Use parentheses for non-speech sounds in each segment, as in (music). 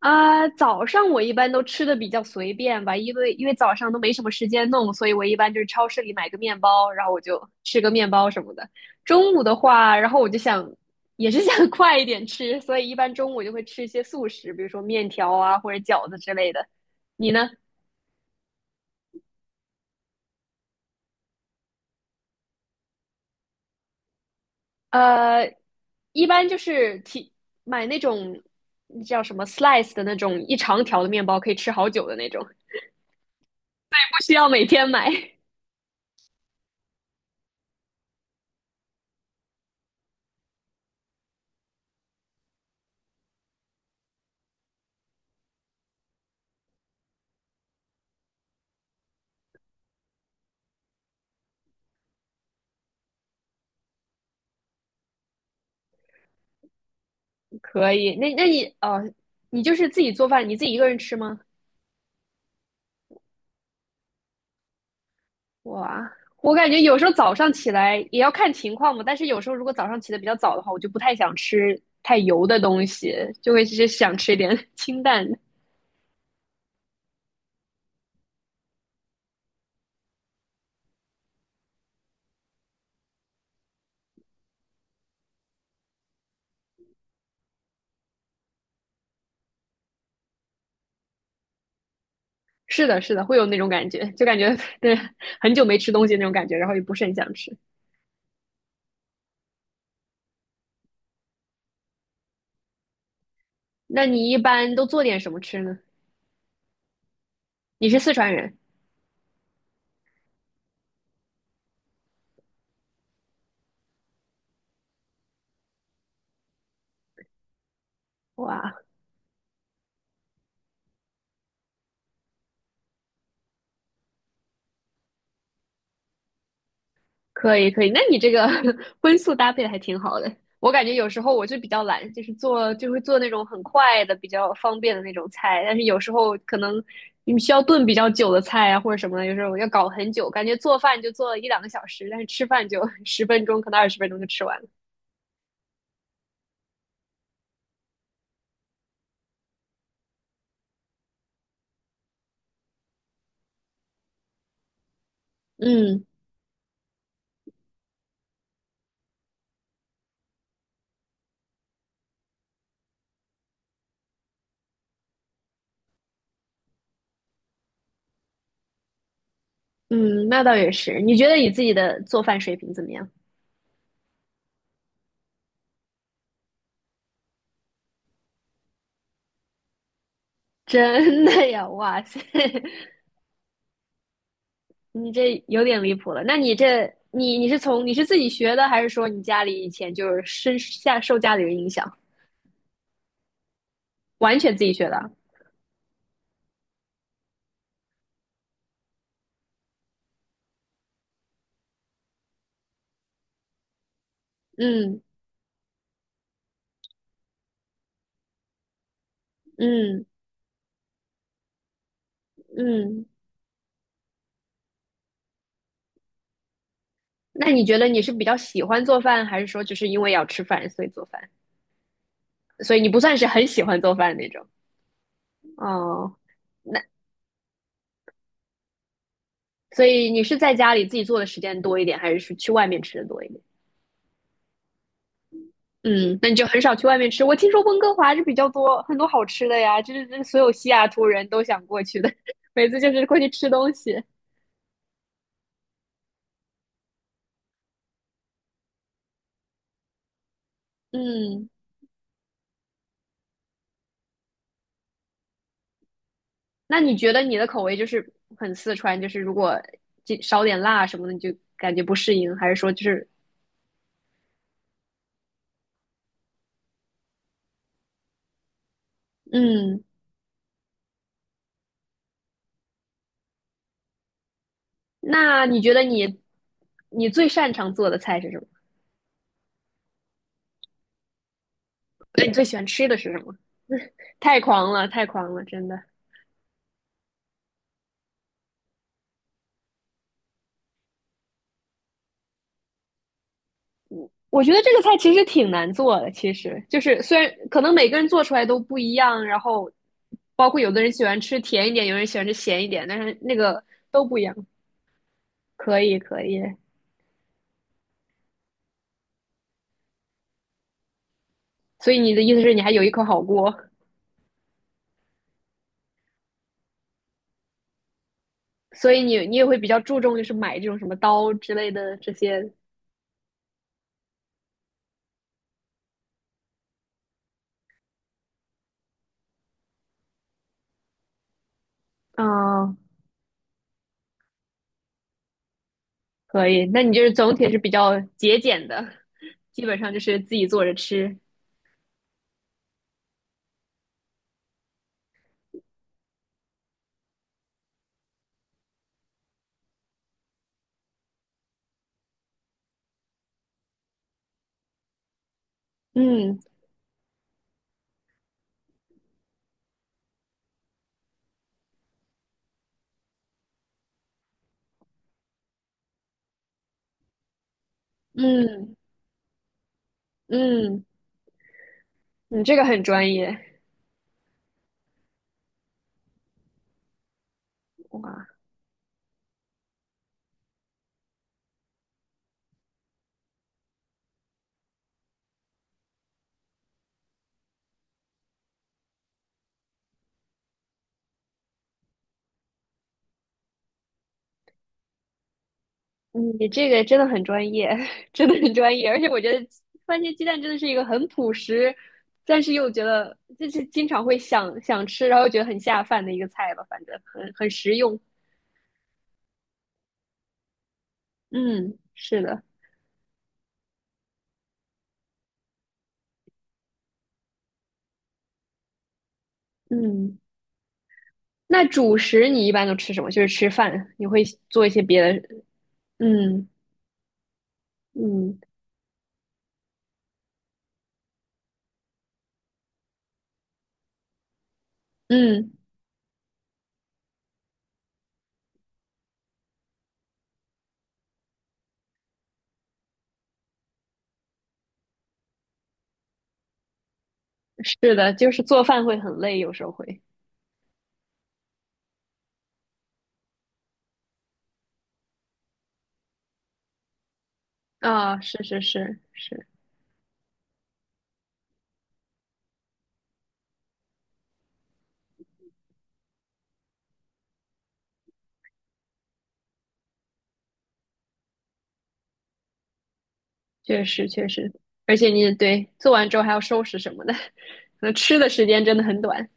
啊，早上我一般都吃的比较随便吧，因为早上都没什么时间弄，所以我一般就是超市里买个面包，然后我就吃个面包什么的。中午的话，然后我就想，也是想 (laughs) 快一点吃，所以一般中午就会吃一些速食，比如说面条啊或者饺子之类的。你呢？呃，一般就是提买那种叫什么 slice 的那种一长条的面包，可以吃好久的那种，不需要每天买。(laughs) 可以，那你,你就是自己做饭，你自己一个人吃吗？哇，我感觉有时候早上起来也要看情况嘛，但是有时候如果早上起的比较早的话，我就不太想吃太油的东西，就会是想吃一点 (laughs) 清淡的。是的，是的，会有那种感觉，就感觉 (laughs) 对很久没吃东西那种感觉，然后也不是很想吃。那你一般都做点什么吃呢？你是四川人，哇，可以可以，那你这个 (laughs) 荤素搭配的还挺好的。我感觉有时候我就比较懒，就是做就会做那种很快的、比较方便的那种菜，但是有时候可能你需要炖比较久的菜啊或者什么的，有时候要搞很久，感觉做饭就做了一两个小时，但是吃饭就 (laughs) 十分钟，可能20分钟就吃完了。嗯嗯，那倒也是。你觉得你自己的做饭水平怎么样？真的呀，哇塞！(laughs) 你这有点离谱了。那你这，你是自己学的，还是说你家里以前就是深下受家里人影响，完全自己学的？嗯嗯嗯。那你觉得你是比较喜欢做饭，还是说就是因为要吃饭所以做饭？所以你不算是很喜欢做饭那种。哦，那所以你是在家里自己做的时间多一点，还是去外面吃的多一点？嗯，那你就很少去外面吃。我听说温哥华是比较多很多好吃的呀，就是这是所有西雅图人都想过去的，(laughs) 每次就是过去吃东西。嗯，那你觉得你的口味就是很四川，就是如果这少点辣什么的，你就感觉不适应，还是说就是嗯？那你觉得你最擅长做的菜是什么？那你最喜欢吃的是什么？太狂了，太狂了，真的。我觉得这个菜其实挺难做的，其实就是虽然可能每个人做出来都不一样，然后包括有的人喜欢吃甜一点，有人喜欢吃咸一点，但是那个都不一样。可以，可以。所以你的意思是你还有一口好锅，所以你也会比较注重就是买这种什么刀之类的这些。嗯，可以。那你就是总体是比较节俭的，基本上就是自己做着吃。嗯嗯嗯，你这个很专业哇。你这个真的很专业，(laughs) 真的很专业，而且我觉得番茄鸡蛋真的是一个很朴实，但是又觉得就是经常会想吃，然后觉得很下饭的一个菜吧，反正很实用。嗯，是的，嗯，那主食你一般都吃什么？就是吃饭，你会做一些别的？嗯嗯嗯，是的，就是做饭会很累，有时候会。啊，是是是是，确实确实，而且你对做完之后还要收拾什么的，(laughs) 可能吃的时间真的很短。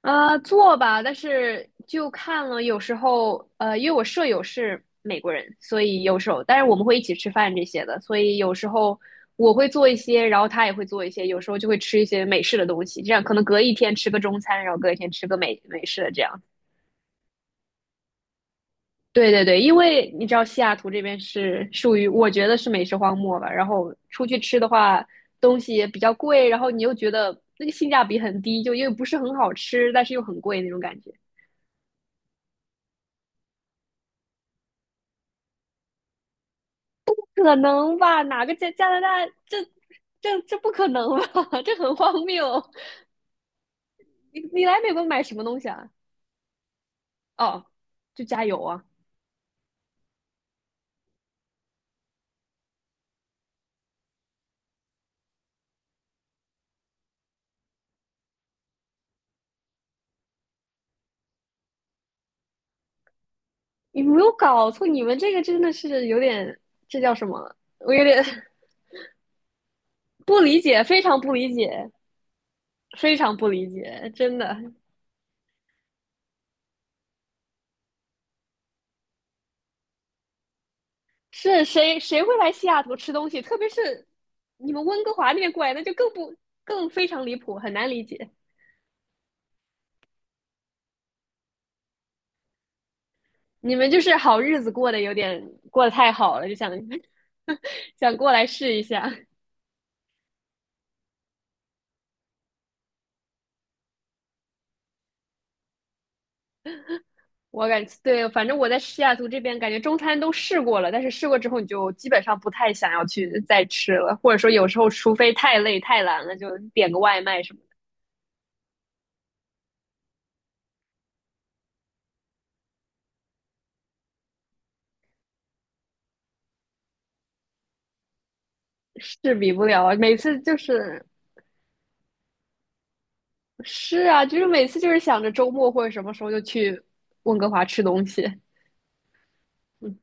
啊、做吧，但是就看了，有时候,因为我舍友是美国人，所以有时候，但是我们会一起吃饭这些的，所以有时候我会做一些，然后他也会做一些，有时候就会吃一些美式的东西，这样可能隔一天吃个中餐，然后隔一天吃个美式的这样。对对对，因为你知道西雅图这边是属于我觉得是美食荒漠吧，然后出去吃的话，东西也比较贵，然后你又觉得那个性价比很低，就因为不是很好吃，但是又很贵那种感觉。可能吧？哪个加拿大这不可能吧？(laughs) 这很荒谬。你你来美国买什么东西啊？哦，就加油啊！你没有搞错，你们这个真的是有点，这叫什么？我有点 (laughs) 不理解，非常不理解，非常不理解，真的。是谁会来西雅图吃东西？特别是你们温哥华那边过来，那就更非常离谱，很难理解。你们就是好日子过得有点过得太好了，就想 (laughs) 想过来试一下。我感觉对，反正我在西雅图这边感觉中餐都试过了，但是试过之后你就基本上不太想要去再吃了，或者说有时候除非太累太懒了，就点个外卖什么的，是比不了。每次就是是啊，就是每次就是想着周末或者什么时候就去温哥华吃东西。嗯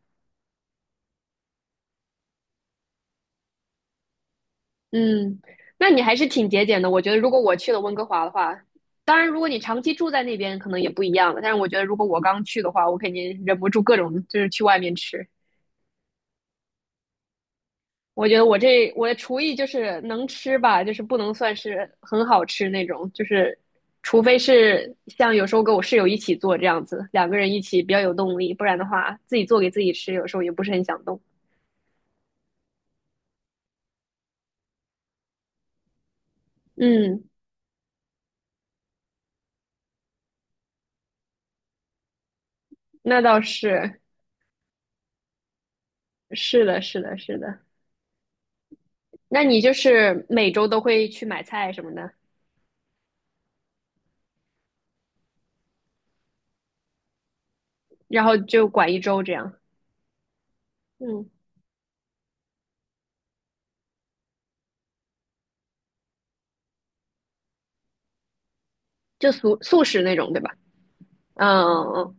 嗯，那你还是挺节俭的。我觉得如果我去了温哥华的话，当然如果你长期住在那边可能也不一样了。但是我觉得如果我刚去的话，我肯定忍不住各种就是去外面吃。我觉得我这我的厨艺就是能吃吧，就是不能算是很好吃那种，就是除非是像有时候跟我室友一起做这样子，两个人一起比较有动力，不然的话自己做给自己吃，有时候也不是很想动。嗯，那倒是，是的，是的，是的。那你就是每周都会去买菜什么的，然后就管一周这样。嗯，就素食那种，对吧？嗯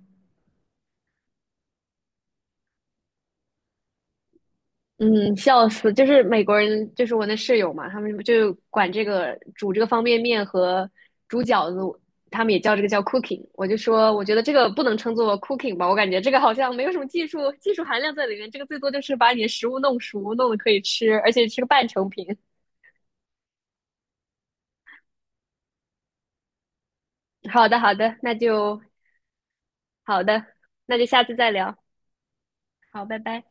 嗯，嗯，笑死！就是美国人，就是我那室友嘛，他们就管这个煮这个方便面和煮饺子，他们也叫这个叫 cooking。我就说，我觉得这个不能称作 cooking 吧，我感觉这个好像没有什么技术含量在里面，这个最多就是把你的食物弄熟，弄得可以吃，而且是个半成品。好的，好的，那就好的，那就下次再聊。好，拜拜。